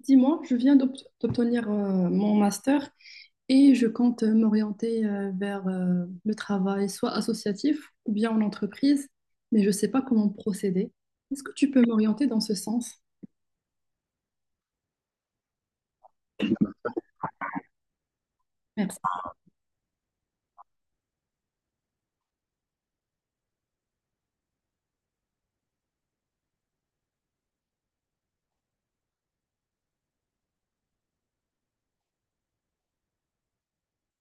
Dis-moi, je viens d'obtenir mon master et je compte m'orienter vers le travail, soit associatif ou bien en entreprise, mais je ne sais pas comment procéder. Est-ce que tu peux m'orienter dans ce sens? Merci.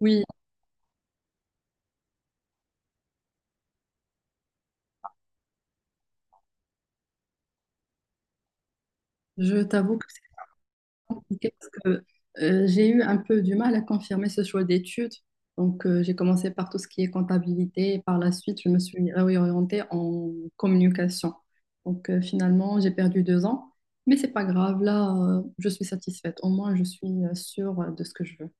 Oui, je t'avoue compliqué parce que j'ai eu un peu du mal à confirmer ce choix d'études. Donc, j'ai commencé par tout ce qui est comptabilité et par la suite, je me suis réorientée en communication. Donc, finalement, j'ai perdu deux ans, mais c'est pas grave. Là, je suis satisfaite. Au moins, je suis sûre de ce que je veux.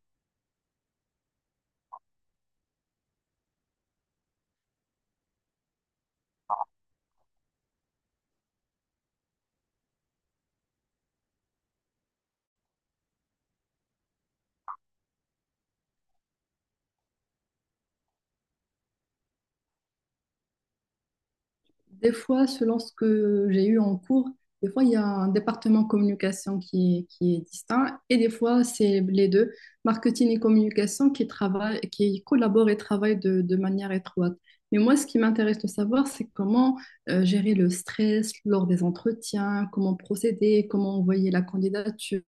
Des fois, selon ce que j'ai eu en cours, des fois, il y a un département communication qui est distinct et des fois, c'est les deux, marketing et communication, qui travaillent, qui collaborent et travaillent de manière étroite. Mais moi, ce qui m'intéresse de savoir, c'est comment gérer le stress lors des entretiens, comment procéder, comment envoyer la candidature,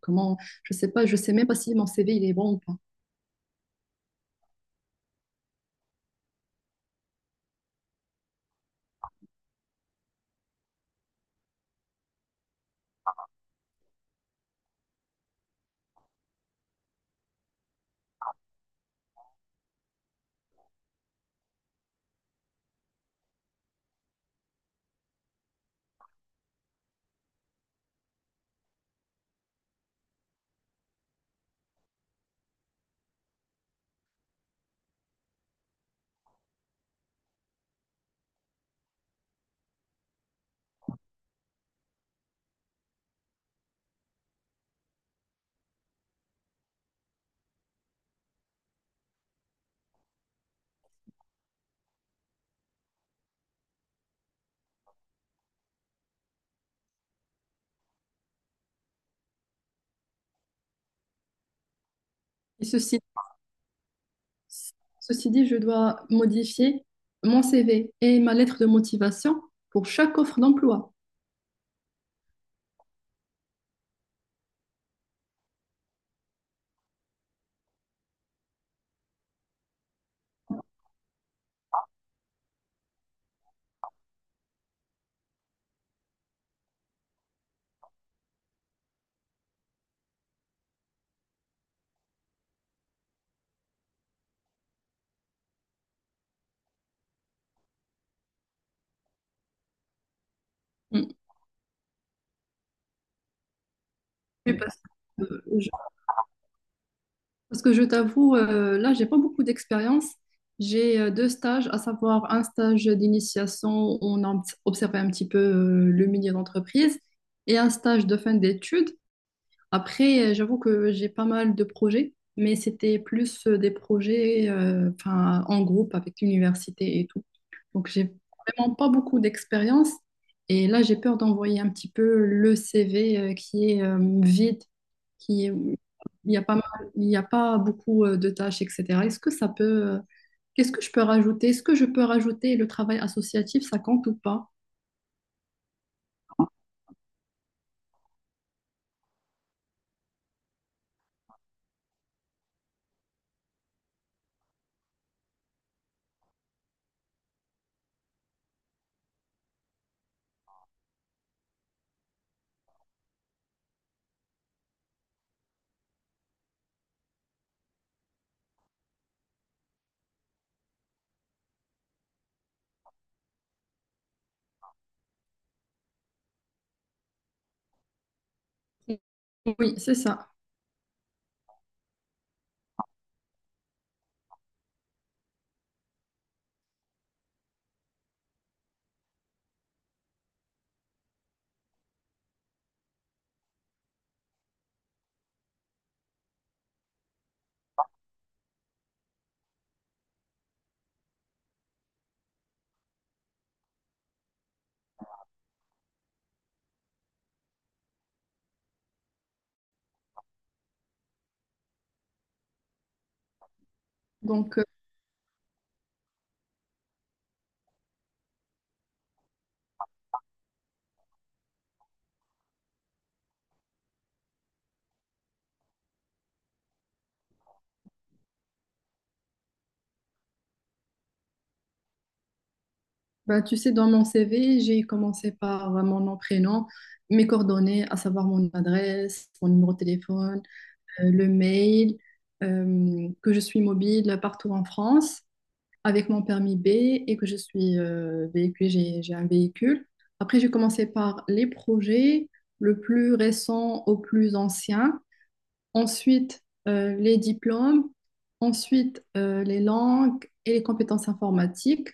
comment, je sais pas, je sais même pas si mon CV il est bon ou pas. Et ceci Ceci dit, je dois modifier mon CV et ma lettre de motivation pour chaque offre d'emploi. Mm. Et Parce que euh, je, parce que je t'avoue, là, j'ai pas beaucoup d'expérience. J'ai deux stages, à savoir un stage d'initiation où on a observé un petit peu le milieu d'entreprise et un stage de fin d'études. Après, j'avoue que j'ai pas mal de projets, mais c'était plus des projets enfin, en groupe avec l'université et tout. Donc, j'ai vraiment pas beaucoup d'expérience. Et là, j'ai peur d'envoyer un petit peu le CV qui est vide, qui est- il y a pas beaucoup de tâches, etc. Est-ce que ça peut, qu'est-ce que je peux rajouter? Est-ce que je peux rajouter le travail associatif, ça compte ou pas? Oui, c'est ça. Donc, bah, tu sais, dans mon CV, j'ai commencé par mon nom, prénom, mes coordonnées, à savoir mon adresse, mon numéro de téléphone, le mail, que je suis mobile partout en France avec mon permis B et que je suis véhiculée, j'ai un véhicule. Après, j'ai commencé par les projets, le plus récent au plus ancien. Ensuite, les diplômes. Ensuite, les langues et les compétences informatiques.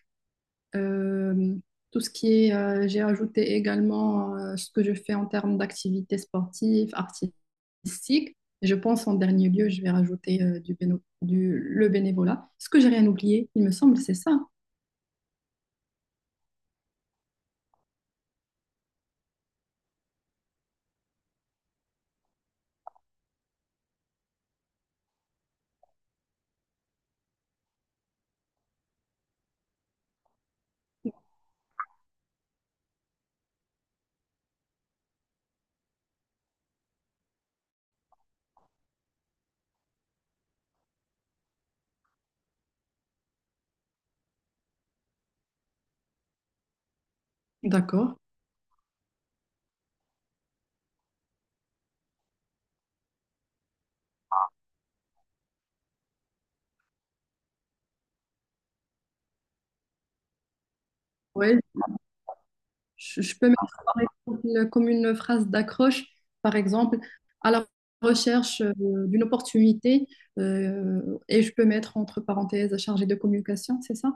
Euh, tout ce qui est, J'ai ajouté également ce que je fais en termes d'activités sportives, artistiques. Je pense en dernier lieu, je vais rajouter le bénévolat. Est-ce que j'ai rien oublié? Il me semble, c'est ça. D'accord. Ouais, je peux mettre par exemple, comme une phrase d'accroche, par exemple, à la recherche d'une opportunité, et je peux mettre entre parenthèses chargé de communication, c'est ça?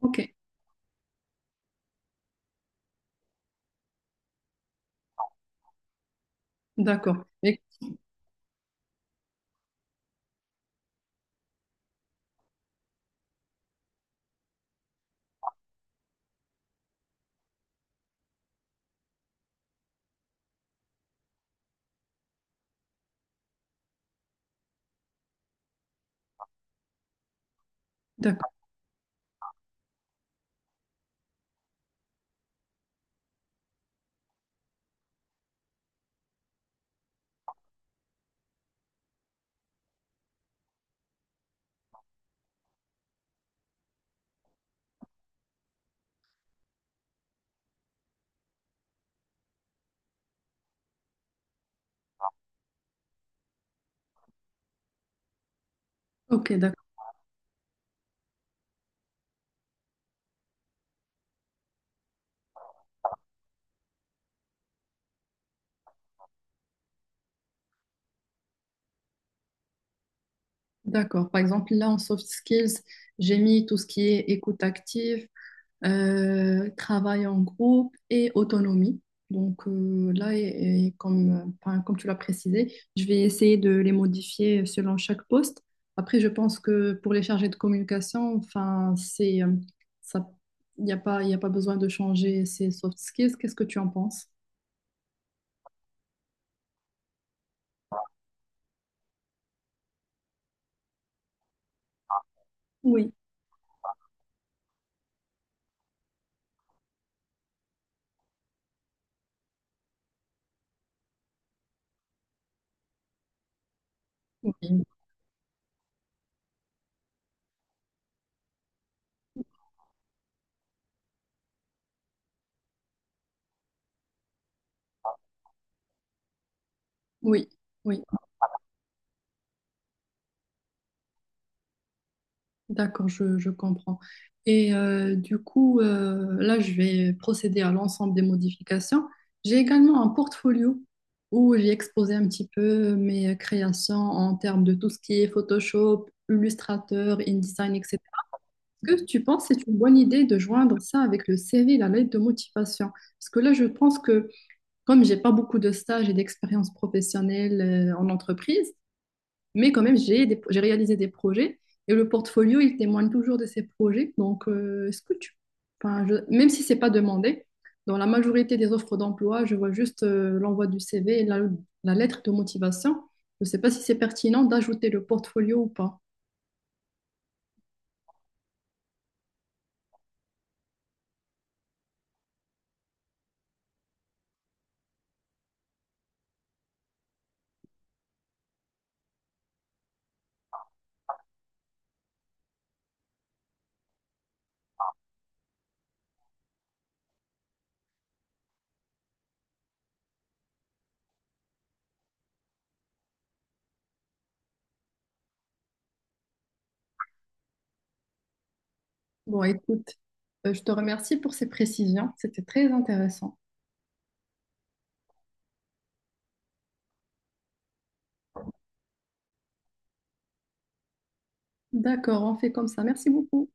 Ok, d'accord. Et- D'accord. Ok, d'accord. D'accord. Par exemple, là, en soft skills, j'ai mis tout ce qui est écoute active, travail en groupe et autonomie. Donc là, et comme, enfin, comme tu l'as précisé, je vais essayer de les modifier selon chaque poste. Après, je pense que pour les chargés de communication, enfin, ça, il y a pas besoin de changer ces soft skills. Qu'est-ce que tu en penses? Oui. Oui, oui, oui. D'accord, je comprends. Et du coup, là, je vais procéder à l'ensemble des modifications. J'ai également un portfolio où j'ai exposé un petit peu mes créations en termes de tout ce qui est Photoshop, Illustrator, InDesign, etc. Est-ce que tu penses que c'est une bonne idée de joindre ça avec le CV, la lettre de motivation? Parce que là, je pense que comme j'ai pas beaucoup de stages et d'expérience professionnelle en entreprise, mais quand même, j'ai réalisé des projets et le portfolio, il témoigne toujours de ces projets. Donc, est-ce que tu, enfin, je- même si c'est pas demandé, dans la majorité des offres d'emploi, je vois juste l'envoi du CV et la lettre de motivation. Je ne sais pas si c'est pertinent d'ajouter le portfolio ou pas. Bon, écoute, je te remercie pour ces précisions. C'était très intéressant. D'accord, on fait comme ça. Merci beaucoup.